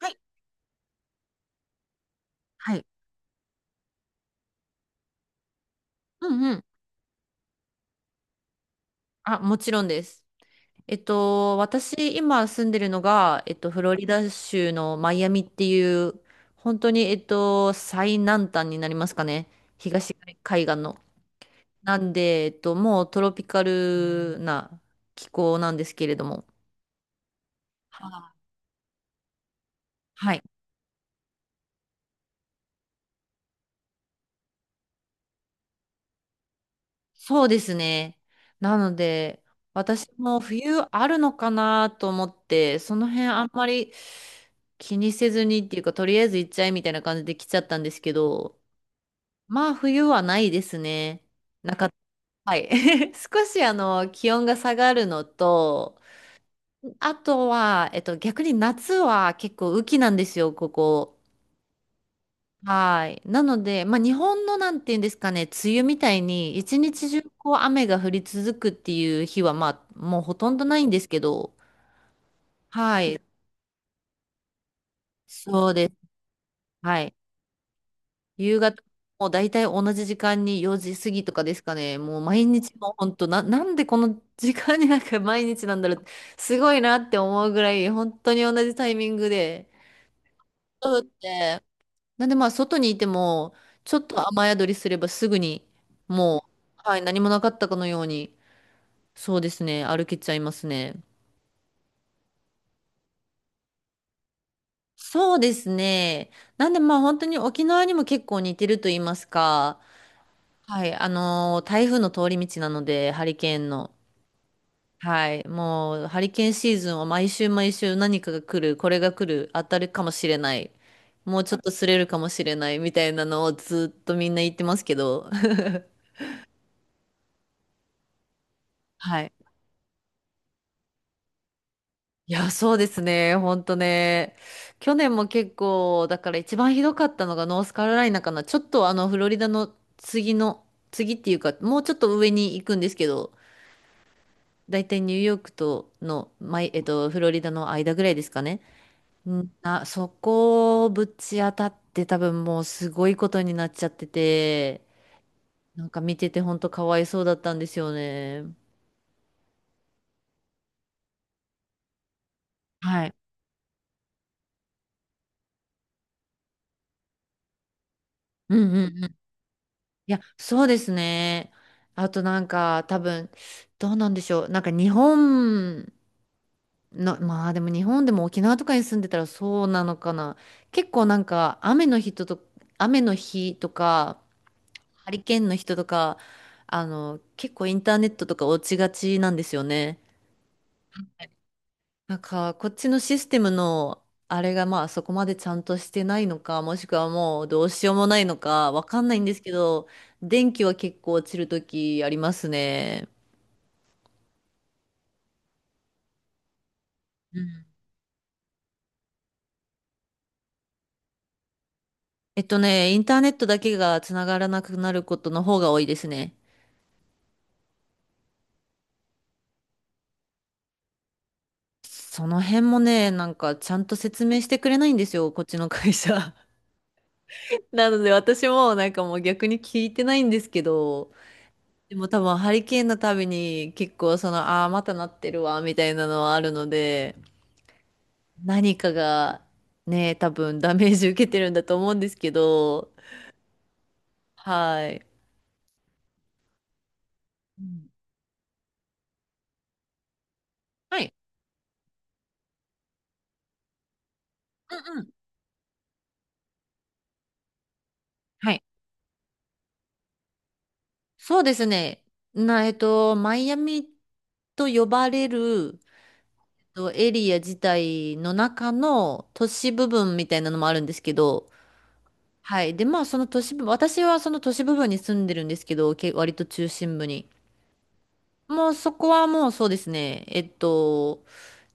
はい。はい。うんうん。あ、もちろんです。私、今住んでるのが、フロリダ州のマイアミっていう、本当に、最南端になりますかね。東海岸の。なんで、もうトロピカルな気候なんですけれども。はい。はい。そうですね。なので、私も冬あるのかなと思って、その辺あんまり気にせずにっていうか、とりあえず行っちゃえみたいな感じで来ちゃったんですけど、まあ冬はないですね。なかった。はい。少しあの気温が下がるのと、あとは、逆に夏は結構雨季なんですよ、ここ。はい。なので、まあ、日本のなんていうんですかね、梅雨みたいに一日中こう雨が降り続くっていう日は、まあ、もうほとんどないんですけど、はい。そうです。はい。夕方、もう大体同じ時間に4時過ぎとかですかね、もう毎日もう本当な、なんでこの時間になんか 毎日なんだろう、すごいなって思うぐらい、本当に同じタイミングで、そうですね。なんでまあ、外にいても、ちょっと雨宿りすればすぐに、もう、はい、何もなかったかのように、そうですね、歩けちゃいますね。そうですね。なんでまあ、本当に沖縄にも結構似てると言いますか、はい、台風の通り道なので、ハリケーンの。はい、もう、ハリケーンシーズンは毎週毎週何かが来る、これが来る、当たるかもしれない、もうちょっとすれるかもしれない、みたいなのをずっとみんな言ってますけど、はい。いや、そうですね。ほんとね。去年も結構、だから一番ひどかったのがノースカロライナかな。ちょっとあの、フロリダの次の、次っていうか、もうちょっと上に行くんですけど、だいたいニューヨークとの、まい、えっと、フロリダの間ぐらいですかね。うん、あ、そこをぶち当たって多分もうすごいことになっちゃってて、なんか見ててほんとかわいそうだったんですよね。はい。うんうん。いや、そうですね。あとなんか多分、どうなんでしょう。なんか日本の、まあでも日本でも沖縄とかに住んでたらそうなのかな。結構なんか雨の日とか、ハリケーンの人とか、あの、結構インターネットとか落ちがちなんですよね。なんか、こっちのシステムの、あれがまあそこまでちゃんとしてないのか、もしくはもうどうしようもないのか、わかんないんですけど、電気は結構落ちるときありますね。うん。インターネットだけがつながらなくなることの方が多いですね。その辺もね、なんかちゃんと説明してくれないんですよ、こっちの会社。なので私もなんかもう逆に聞いてないんですけど、でも多分ハリケーンのたびに結構その、ああー、またなってるわ、みたいなのはあるので、何かがね、多分ダメージ受けてるんだと思うんですけど、はい。うん。はい。はい。そうですね。な、えっと、マイアミと呼ばれる、エリア自体の中の都市部分みたいなのもあるんですけど、はい。で、まあ、その都市部、私はその都市部分に住んでるんですけど、割と中心部に。もうそこはもうそうですね。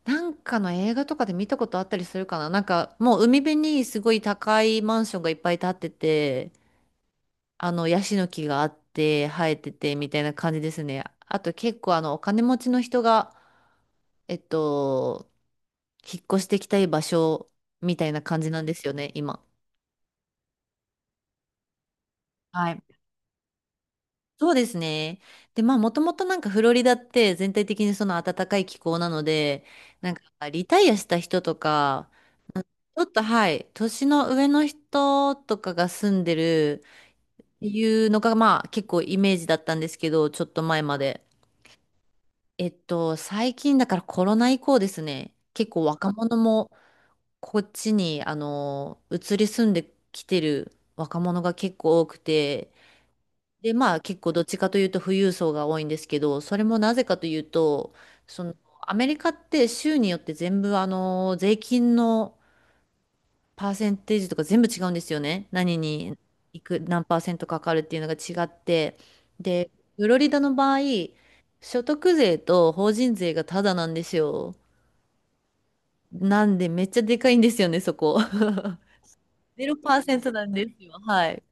なんかの映画とかで見たことあったりするかな。なんかもう海辺にすごい高いマンションがいっぱい建ってて、あのヤシの木があって生えててみたいな感じですね。あと結構あのお金持ちの人が、えっと、引っ越してきたい場所みたいな感じなんですよね、今。はい。そうですね。で、まあ、もともとなんかフロリダって全体的にその暖かい気候なので、なんかリタイアした人とか、ちょっとはい、年の上の人とかが住んでるっていうのが、まあ結構イメージだったんですけど、ちょっと前まで。最近だからコロナ以降ですね、結構若者もこっちに、移り住んできてる若者が結構多くて、で、まあ結構どっちかというと富裕層が多いんですけど、それもなぜかというと、その、アメリカって州によって全部あの、税金の、パーセンテージとか全部違うんですよね。何にいく、何パーセントかかるっていうのが違って。で、フロリダの場合、所得税と法人税がタダなんですよ。なんでめっちゃでかいんですよね、そこ。0%なんですよ。はい。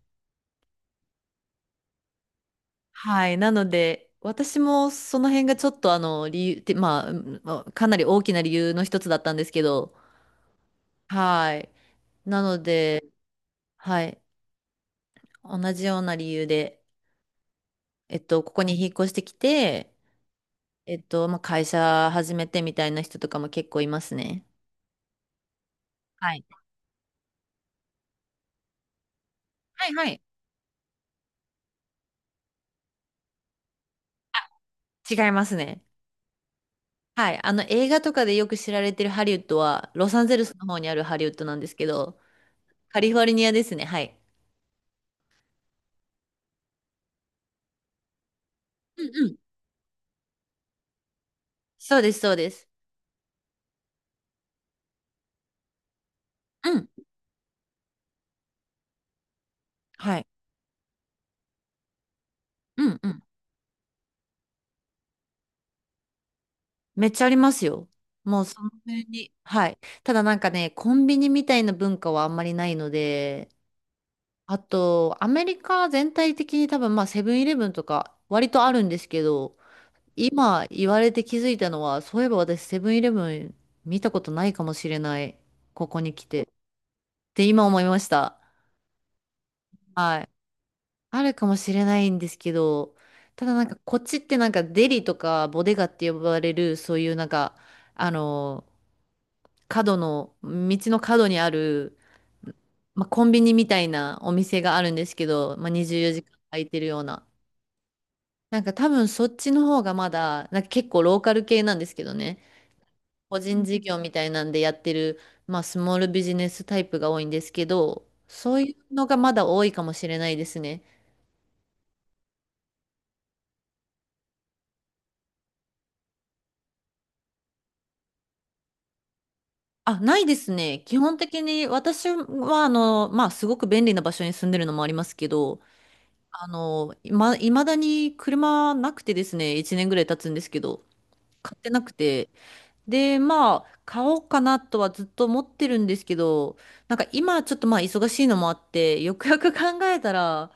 はい。なので、私もその辺がちょっと理由って、まあ、うんまあかなり大きな理由の一つだったんですけど、はい。なので、はい。同じような理由で、ここに引っ越してきて、まあ、会社始めてみたいな人とかも結構いますね。はい。はいはい。違いますね。はい。映画とかでよく知られてるハリウッドは、ロサンゼルスの方にあるハリウッドなんですけど、カリフォルニアですね。はい。うんうん。そうです、そうです。うん。はい。うんうん。めっちゃありますよ。もうその辺に。はい。ただなんかね、コンビニみたいな文化はあんまりないので、あと、アメリカ全体的に多分まあセブンイレブンとか割とあるんですけど、今言われて気づいたのは、そういえば私セブンイレブン見たことないかもしれない。ここに来て。って今思いました。はい。あるかもしれないんですけど、ただなんかこっちってなんかデリとかボデガって呼ばれる、そういうなんか、あの、道の角にある、まあ、コンビニみたいなお店があるんですけど、まあ、24時間空いてるような。なんか多分そっちの方がまだ、なんか結構ローカル系なんですけどね。個人事業みたいなんでやってる、まあ、スモールビジネスタイプが多いんですけど、そういうのがまだ多いかもしれないですね。あ、ないですね。基本的に私は、まあ、すごく便利な場所に住んでるのもありますけど、いま、未だに車なくてですね、1年ぐらい経つんですけど、買ってなくて。で、まあ、買おうかなとはずっと思ってるんですけど、なんか今ちょっとまあ忙しいのもあって、よくよく考えたら、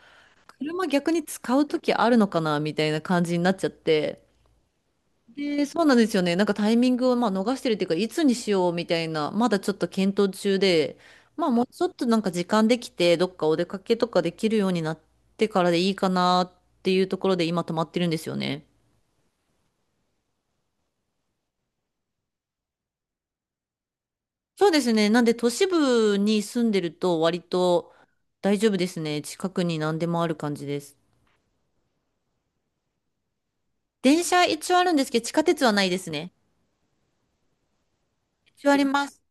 車逆に使う時あるのかなみたいな感じになっちゃって。で、そうなんですよね。なんかタイミングをまあ逃してるっていうか、いつにしようみたいな、まだちょっと検討中で、まあもうちょっとなんか時間できて、どっかお出かけとかできるようになってからでいいかなっていうところで今止まってるんですよね。そうですね。なんで都市部に住んでると割と大丈夫ですね。近くに何でもある感じです。電車一応あるんですけど、地下鉄はないですね。一応あります。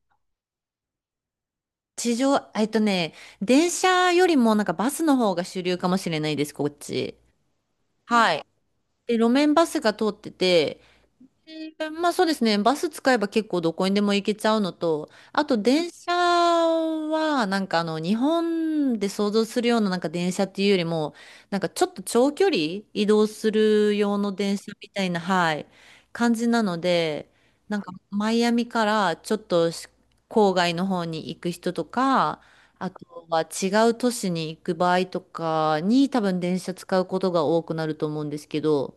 地上、電車よりもなんかバスの方が主流かもしれないです、こっち。はい。で、路面バスが通ってて、で、まあ、そうですね。バス使えば結構どこにでも行けちゃうのと、あと電車はなんか日本で想像するようななんか電車っていうよりも、なんかちょっと長距離移動する用の電車みたいな、はい、感じなので、なんかマイアミからちょっと郊外の方に行く人とか、あとは違う都市に行く場合とかに多分電車使うことが多くなると思うんですけど、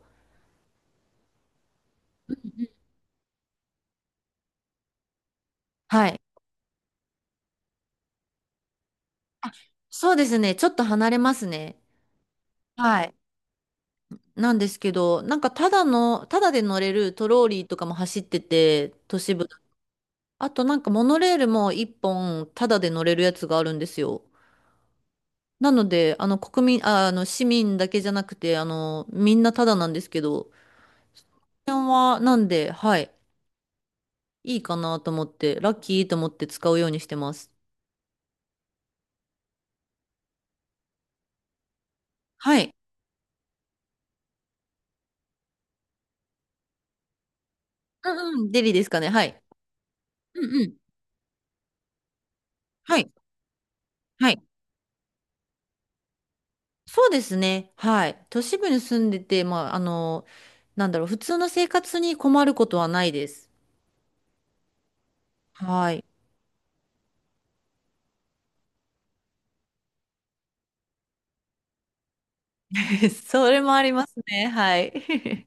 はい。そうですね。ちょっと離れますね。はい。なんですけど、なんかただで乗れるトローリーとかも走ってて、都市部。あとなんかモノレールも一本ただで乗れるやつがあるんですよ。なので、あの国民、あ、あの市民だけじゃなくて、みんなただなんですけど、この辺はなんで、はい、いいかなと思って、ラッキーと思って使うようにしてます。はい。うんうん、デリですかね、はい。うんうん、はい、はい。そうですね。はい。都市部に住んでて、まあ、なんだろう、普通の生活に困ることはないです。はい。それもありますね。はい。